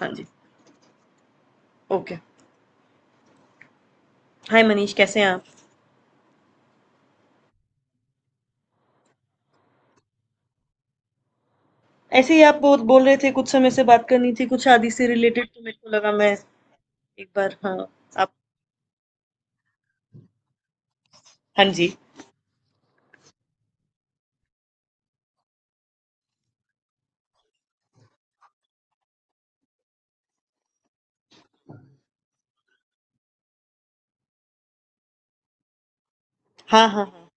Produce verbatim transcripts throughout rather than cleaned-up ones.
हाँ जी, okay. Hi Manish कैसे हैं आप? ऐसे ही आप बहुत बोल रहे थे कुछ समय से बात करनी थी कुछ शादी से रिलेटेड तो मेरे को लगा मैं एक बार हाँ, आप हाँ जी। हाँ, हाँ, हाँ।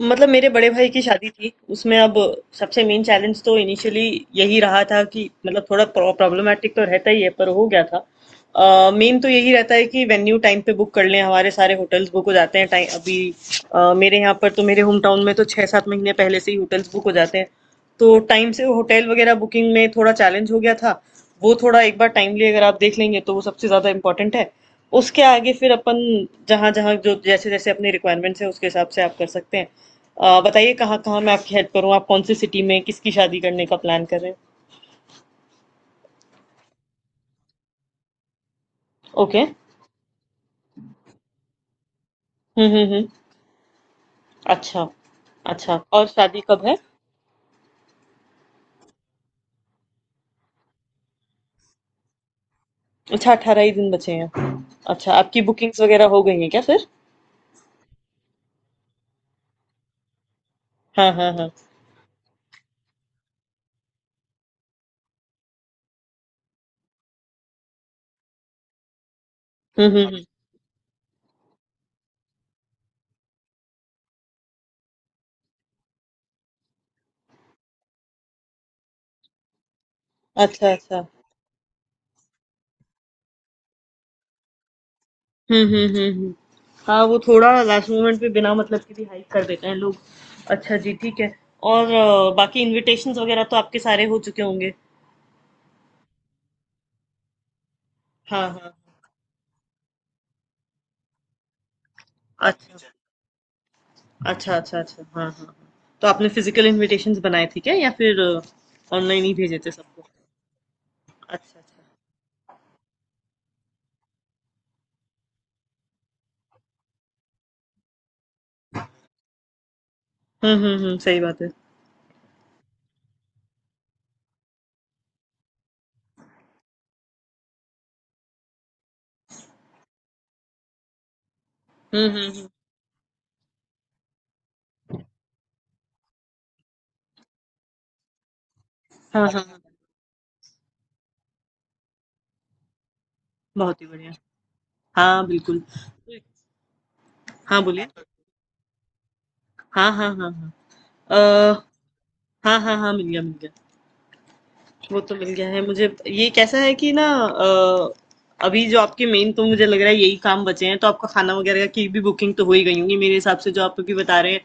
मतलब मेरे बड़े भाई की शादी थी उसमें अब सबसे मेन चैलेंज तो इनिशियली यही रहा था कि मतलब थोड़ा प्रॉब्लमेटिक तो रहता ही है पर हो गया था। मेन तो यही रहता है कि वेन्यू टाइम पे बुक कर लें, हमारे सारे होटल्स बुक हो जाते हैं टाइम। अभी अ, मेरे यहाँ पर तो मेरे होम टाउन में तो छः सात महीने पहले से ही होटल्स बुक हो जाते हैं, तो टाइम से होटल वगैरह बुकिंग में थोड़ा चैलेंज हो गया था। वो थोड़ा एक बार टाइमली अगर आप देख लेंगे तो वो सबसे ज़्यादा इम्पोर्टेंट है। उसके आगे फिर अपन जहाँ जहाँ जो जैसे जैसे अपनी रिक्वायरमेंट्स है उसके हिसाब से आप कर सकते हैं। अ, बताइए कहाँ कहाँ मैं आपकी हेल्प करूँ, आप कौन सी सिटी में किसकी शादी करने का प्लान कर रहे हैं। ओके। हम्म हम्म हम्म। अच्छा। अच्छा, और शादी कब है? अच्छा, अठारह ही दिन बचे हैं। अच्छा, आपकी बुकिंग्स वगैरह हो गई हैं क्या फिर? हाँ हाँ हाँ। हम्म हम्म हम्म। अच्छा अच्छा। हम्म हम्म हम्म हम्म। हाँ वो थोड़ा लास्ट मोमेंट पे बिना मतलब के भी हाइक कर देते हैं लोग। अच्छा जी ठीक है। और अ, बाकी इनविटेशंस वगैरह तो आपके सारे हो चुके होंगे। हाँ हाँ। अच्छा, अच्छा, अच्छा, अच्छा। हाँ, हाँ। हाँ। तो आपने फिजिकल इन्विटेशंस बनाए थे क्या या फिर ऑनलाइन ही भेजे थे सबको? अच्छा, अच्छा। हुँ, हुँ, हुँ, सही बात है। हुँ, हुँ, हुँ। हाँ, हाँ, हाँ। बहुत ही बढ़िया। हाँ, बिल्कुल। तो एक- हाँ, बोलिए। हाँ, हाँ, हाँ, हाँ। अ, हाँ, हाँ, हाँ, मिल गया, मिल गया। वो तो मिल गया है मुझे। ये कैसा है कि ना अ, अभी जो आपके मेन तो मुझे लग रहा है यही काम बचे हैं, तो आपका खाना वगैरह की भी बुकिंग तो हो ही गई होंगी मेरे हिसाब से जो आप अभी बता रहे हैं।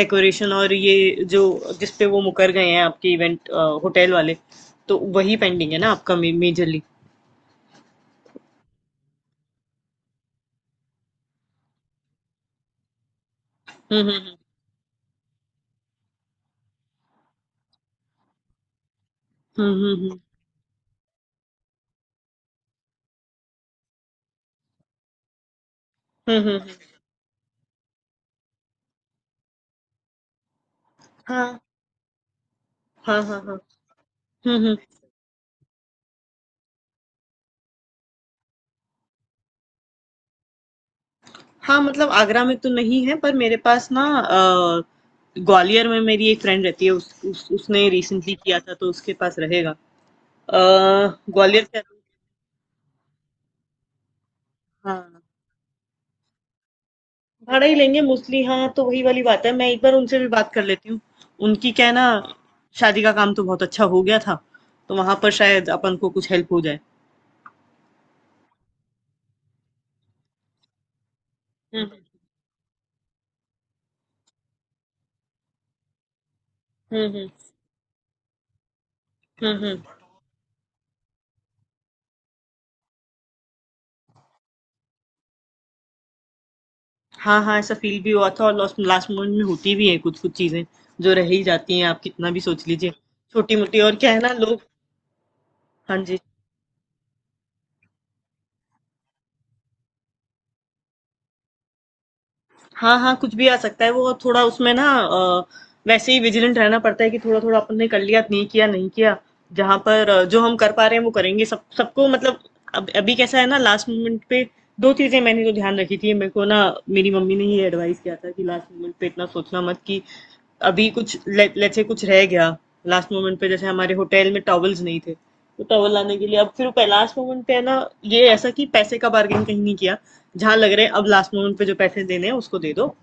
डेकोरेशन और ये जो जिस पे वो मुकर गए हैं, आपके इवेंट होटल वाले, तो वही पेंडिंग है ना आपका मेजरली। हम्म हम्म हम्म हम्म हम्म हम्म हम्म हम्म। हाँ हाँ हाँ हाँ। हम्म हम्म। हाँ, मतलब आगरा में तो नहीं है पर मेरे पास ना अ, ग्वालियर में मेरी एक फ्रेंड रहती है, उस, उस उसने रिसेंटली किया था तो उसके पास रहेगा। अ, ग्वालियर से। हाँ। भाड़ा ही लेंगे मोस्टली। हाँ तो वही वाली बात है, मैं एक बार उनसे भी बात कर लेती हूँ। उनकी क्या है ना, शादी का काम तो बहुत अच्छा हो गया था, तो वहां पर शायद अपन को कुछ हेल्प हो जाए। हम्म हम्म हम्म हम्म हम्म। हाँ, हाँ, ऐसा फील भी हुआ था। और लास्ट लास्ट मोमेंट में होती भी है कुछ-कुछ चीज़ें, जो रह ही जाती हैं, आप कितना भी सोच लीजिए। छोटी-मोटी। और क्या है ना लोग। हाँ जी। हाँ, हाँ, कुछ भी आ सकता है वो थोड़ा उसमें ना अ, वैसे ही विजिलेंट रहना पड़ता है कि थोड़ा थोड़ा अपन ने कर लिया नहीं, किया नहीं किया, जहां पर अ, जो हम कर पा रहे हैं वो करेंगे सब सबको मतलब। अब अभी कैसा है ना लास्ट मोमेंट पे, दो चीजें मैंने तो ध्यान रखी थी मेरे को ना। मेरी मम्मी ने ये एडवाइस किया था कि लास्ट मोमेंट पे इतना सोचना मत कि अभी कुछ ले, लेट से कुछ रह गया। लास्ट मोमेंट पे जैसे हमारे होटल में टॉवल्स नहीं थे, तो टॉवल लाने के लिए अब फिर पे लास्ट मोमेंट पे है ना। ये ऐसा कि पैसे का बार्गेन कहीं नहीं किया, जहां लग रहा है अब लास्ट मोमेंट पे जो पैसे देने हैं उसको दे दो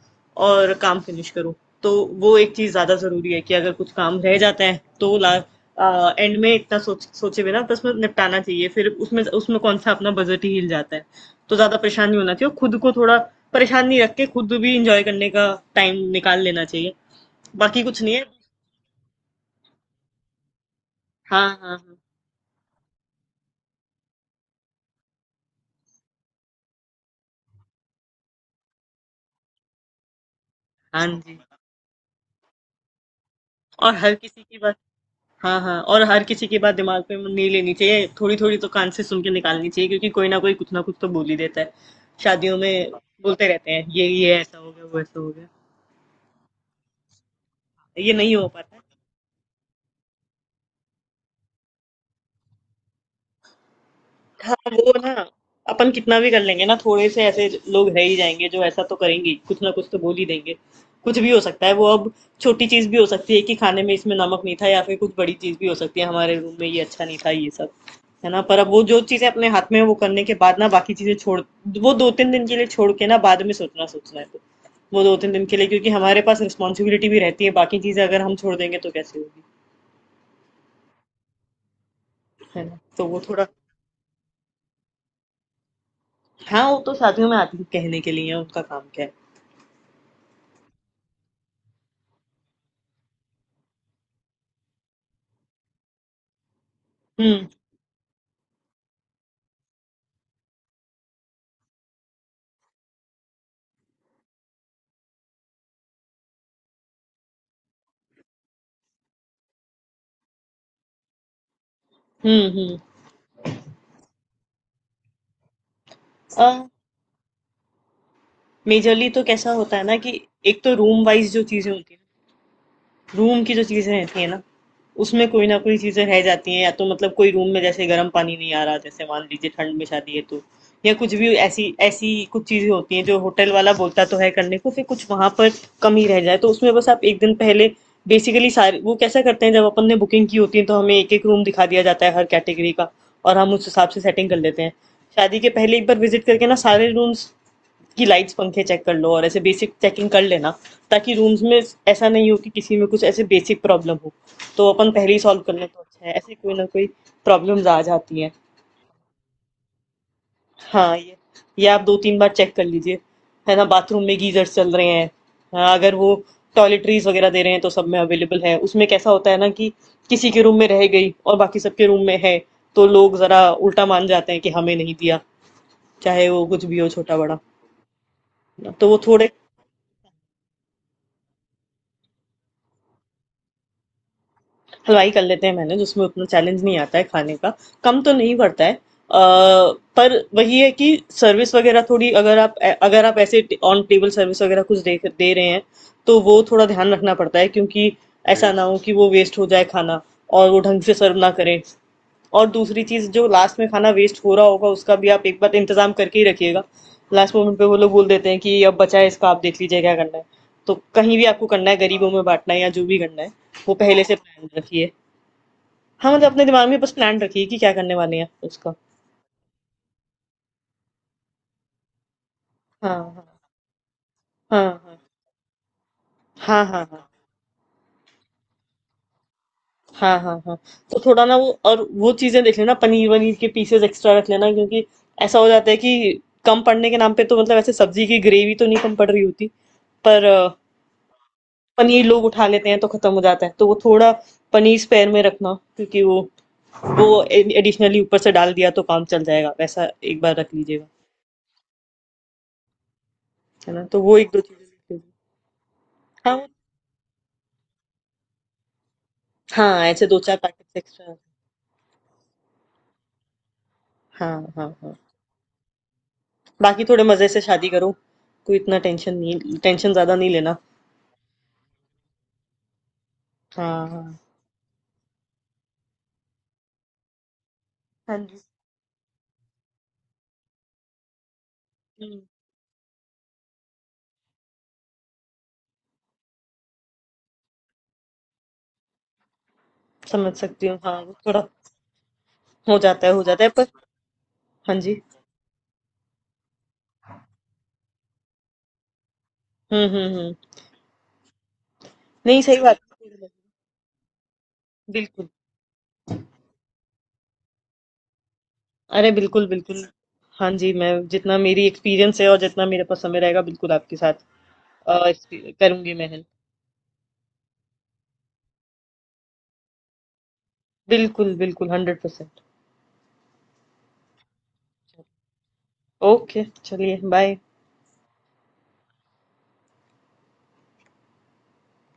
और काम फिनिश करो। तो वो एक चीज ज्यादा जरूरी है कि अगर कुछ काम रह जाता है तो ला एंड में इतना सोच सोचे बिना बस में निपटाना चाहिए, फिर उसमें उसमें कौन सा अपना बजट ही हिल जाता है। तो ज्यादा परेशान नहीं होना चाहिए और खुद को थोड़ा परेशान नहीं रख के खुद भी इंजॉय करने का टाइम निकाल लेना चाहिए। बाकी कुछ नहीं है। हाँ हाँ हाँ। हाँ जी। और हर किसी की बात, हाँ, हाँ और हर किसी की बात दिमाग में नहीं लेनी चाहिए, थोड़ी थोड़ी तो कान से सुन के निकालनी चाहिए, क्योंकि कोई ना कोई कुछ ना कुछ तो बोल ही देता है शादियों में। बोलते रहते हैं ये ये ऐसा हो गया वो ऐसा हो गया। ये नहीं हो पाता। हाँ वो ना, अपन कितना भी कर लेंगे ना, थोड़े से ऐसे लोग रह ही जाएंगे जो ऐसा तो करेंगे ही, कुछ ना कुछ तो बोल ही देंगे। कुछ भी हो सकता है वो। अब छोटी चीज भी हो सकती है कि खाने में इसमें नमक नहीं था, या फिर कुछ बड़ी चीज भी हो सकती है हमारे रूम में ये अच्छा नहीं था ये सब, है ना? पर अब वो जो चीजें अपने हाथ में है वो करने के बाद ना बाकी चीजें छोड़, वो दो तीन दिन के लिए छोड़ के, ना बाद में सोचना, सोचना है तो वो दो तीन दिन के लिए, क्योंकि हमारे पास रिस्पॉन्सिबिलिटी भी रहती है, बाकी चीजें अगर हम छोड़ देंगे तो कैसे होगी। है ना? तो वो थोड़ा। हाँ वो तो शादियों में आती है कहने के लिए, उनका काम क्या है। हुँ, हुँ, हुँ। अ, मेजरली तो कैसा होता है ना कि एक तो रूम वाइज़ जो चीज़ें होती हैं, रूम की जो चीज़ें रहती हैं ना, उसमें कोई ना कोई चीज़ें रह जाती हैं, या तो मतलब कोई रूम में जैसे गर्म पानी नहीं आ रहा, जैसे मान लीजिए ठंड में शादी है तो, या कुछ भी ऐसी ऐसी कुछ चीज़ें होती हैं जो होटल वाला बोलता तो है करने को, फिर कुछ वहाँ पर कमी रह जाए, तो उसमें बस आप एक दिन पहले बेसिकली सारे, वो कैसा करते हैं जब अपन ने बुकिंग की होती है तो हमें एक-एक रूम दिखा दिया जाता है हर कैटेगरी का, और हम उस हिसाब से सेटिंग कर लेते हैं। शादी के पहले एक बार विज़िट करके ना सारे रूम्स, कि लाइट्स पंखे चेक कर लो और ऐसे बेसिक चेकिंग कर लेना, ताकि रूम्स में ऐसा नहीं हो कि किसी में कुछ ऐसे बेसिक प्रॉब्लम हो, तो अपन पहले ही सॉल्व कर लें तो अच्छा है, ऐसे कोई ना कोई प्रॉब्लम्स आ जाती हैं। हाँ ये ये आप दो तीन बार चेक कर लीजिए, है ना? बाथरूम में गीजर्स चल रहे हैं, हाँ, अगर वो टॉयलेटरीज वगैरह दे रहे हैं तो सब में अवेलेबल है। उसमें कैसा होता है ना कि किसी के रूम में रह गई और बाकी सबके रूम में है, तो लोग जरा उल्टा मान जाते हैं कि हमें नहीं दिया, चाहे वो कुछ भी हो छोटा बड़ा। तो वो थोड़े, हलवाई कर लेते हैं मैनेज, उसमें उतना चैलेंज नहीं आता है खाने का, कम तो नहीं पड़ता है। अ, पर वही है कि सर्विस वगैरह थोड़ी अगर आप, अगर आप ऐसे ऑन टेबल सर्विस वगैरह कुछ दे दे रहे हैं, तो वो थोड़ा ध्यान रखना पड़ता है क्योंकि ऐसा राइट ना हो कि वो वेस्ट हो जाए खाना और वो ढंग से सर्व ना करें। और दूसरी चीज़ जो लास्ट में खाना वेस्ट हो रहा होगा, उसका भी आप एक बार इंतजाम करके ही रखिएगा। लास्ट मोमेंट पे वो लोग बोल देते हैं कि अब बचा है इसका आप देख लीजिए क्या करना है, तो कहीं भी आपको करना है गरीबों में बांटना है या जो भी करना है, वो पहले से प्लान रखिए। हाँ, मतलब अपने दिमाग में बस प्लान रखिए कि क्या करने वाले हैं उसका। हाँ, हाँ, हाँ, हाँ, हाँ, हाँ, हाँ, हाँ, हाँ, हाँ। तो थोड़ा ना वो और वो चीज़ें देख लेना, पनीर-वनीर के पीसेज़ एक्स्ट्रा रख लेना, क्योंकि ऐसा हो जाता है कि कम पड़ने के नाम पे, तो मतलब ऐसे सब्जी की ग्रेवी तो नहीं कम पड़ रही होती, पर अ, पनीर लोग उठा लेते हैं तो खत्म हो जाता है। तो वो थोड़ा पनीर स्पेयर में रखना, क्योंकि वो वो ए एडिशनली ऊपर से डाल दिया तो काम चल जाएगा। वैसा एक बार रख लीजिएगा, है ना? तो वो एक दो चीज़ें। हाँ, हाँ, ऐसे दो चार पैकेट्स एक्स्ट्रा। हाँ, हाँ, हाँ। बाकी थोड़े मज़े से शादी करो, कोई इतना टेंशन नहीं, टेंशन ज़्यादा नहीं लेना। हाँ, हाँ। हाँ जी। हुँ, समझ सकती हूँ। हाँ, वो थोड़ा हो जाता है, हो जाता है पर। हाँ जी। हुँ, हुँ, हुँ। नहीं, सही बात है। बिल्कुल। अरे बिल्कुल, बिल्कुल। हाँ जी, मैं जितना मेरी एक्सपीरियंस है और जितना मेरे पास समय रहेगा बिल्कुल आपके साथ अ, एक्सपी करूँगी मैं हेल्प। बिल्कुल, बिल्कुल हंड्रेड परसेंट। ओके, चलिए बाय।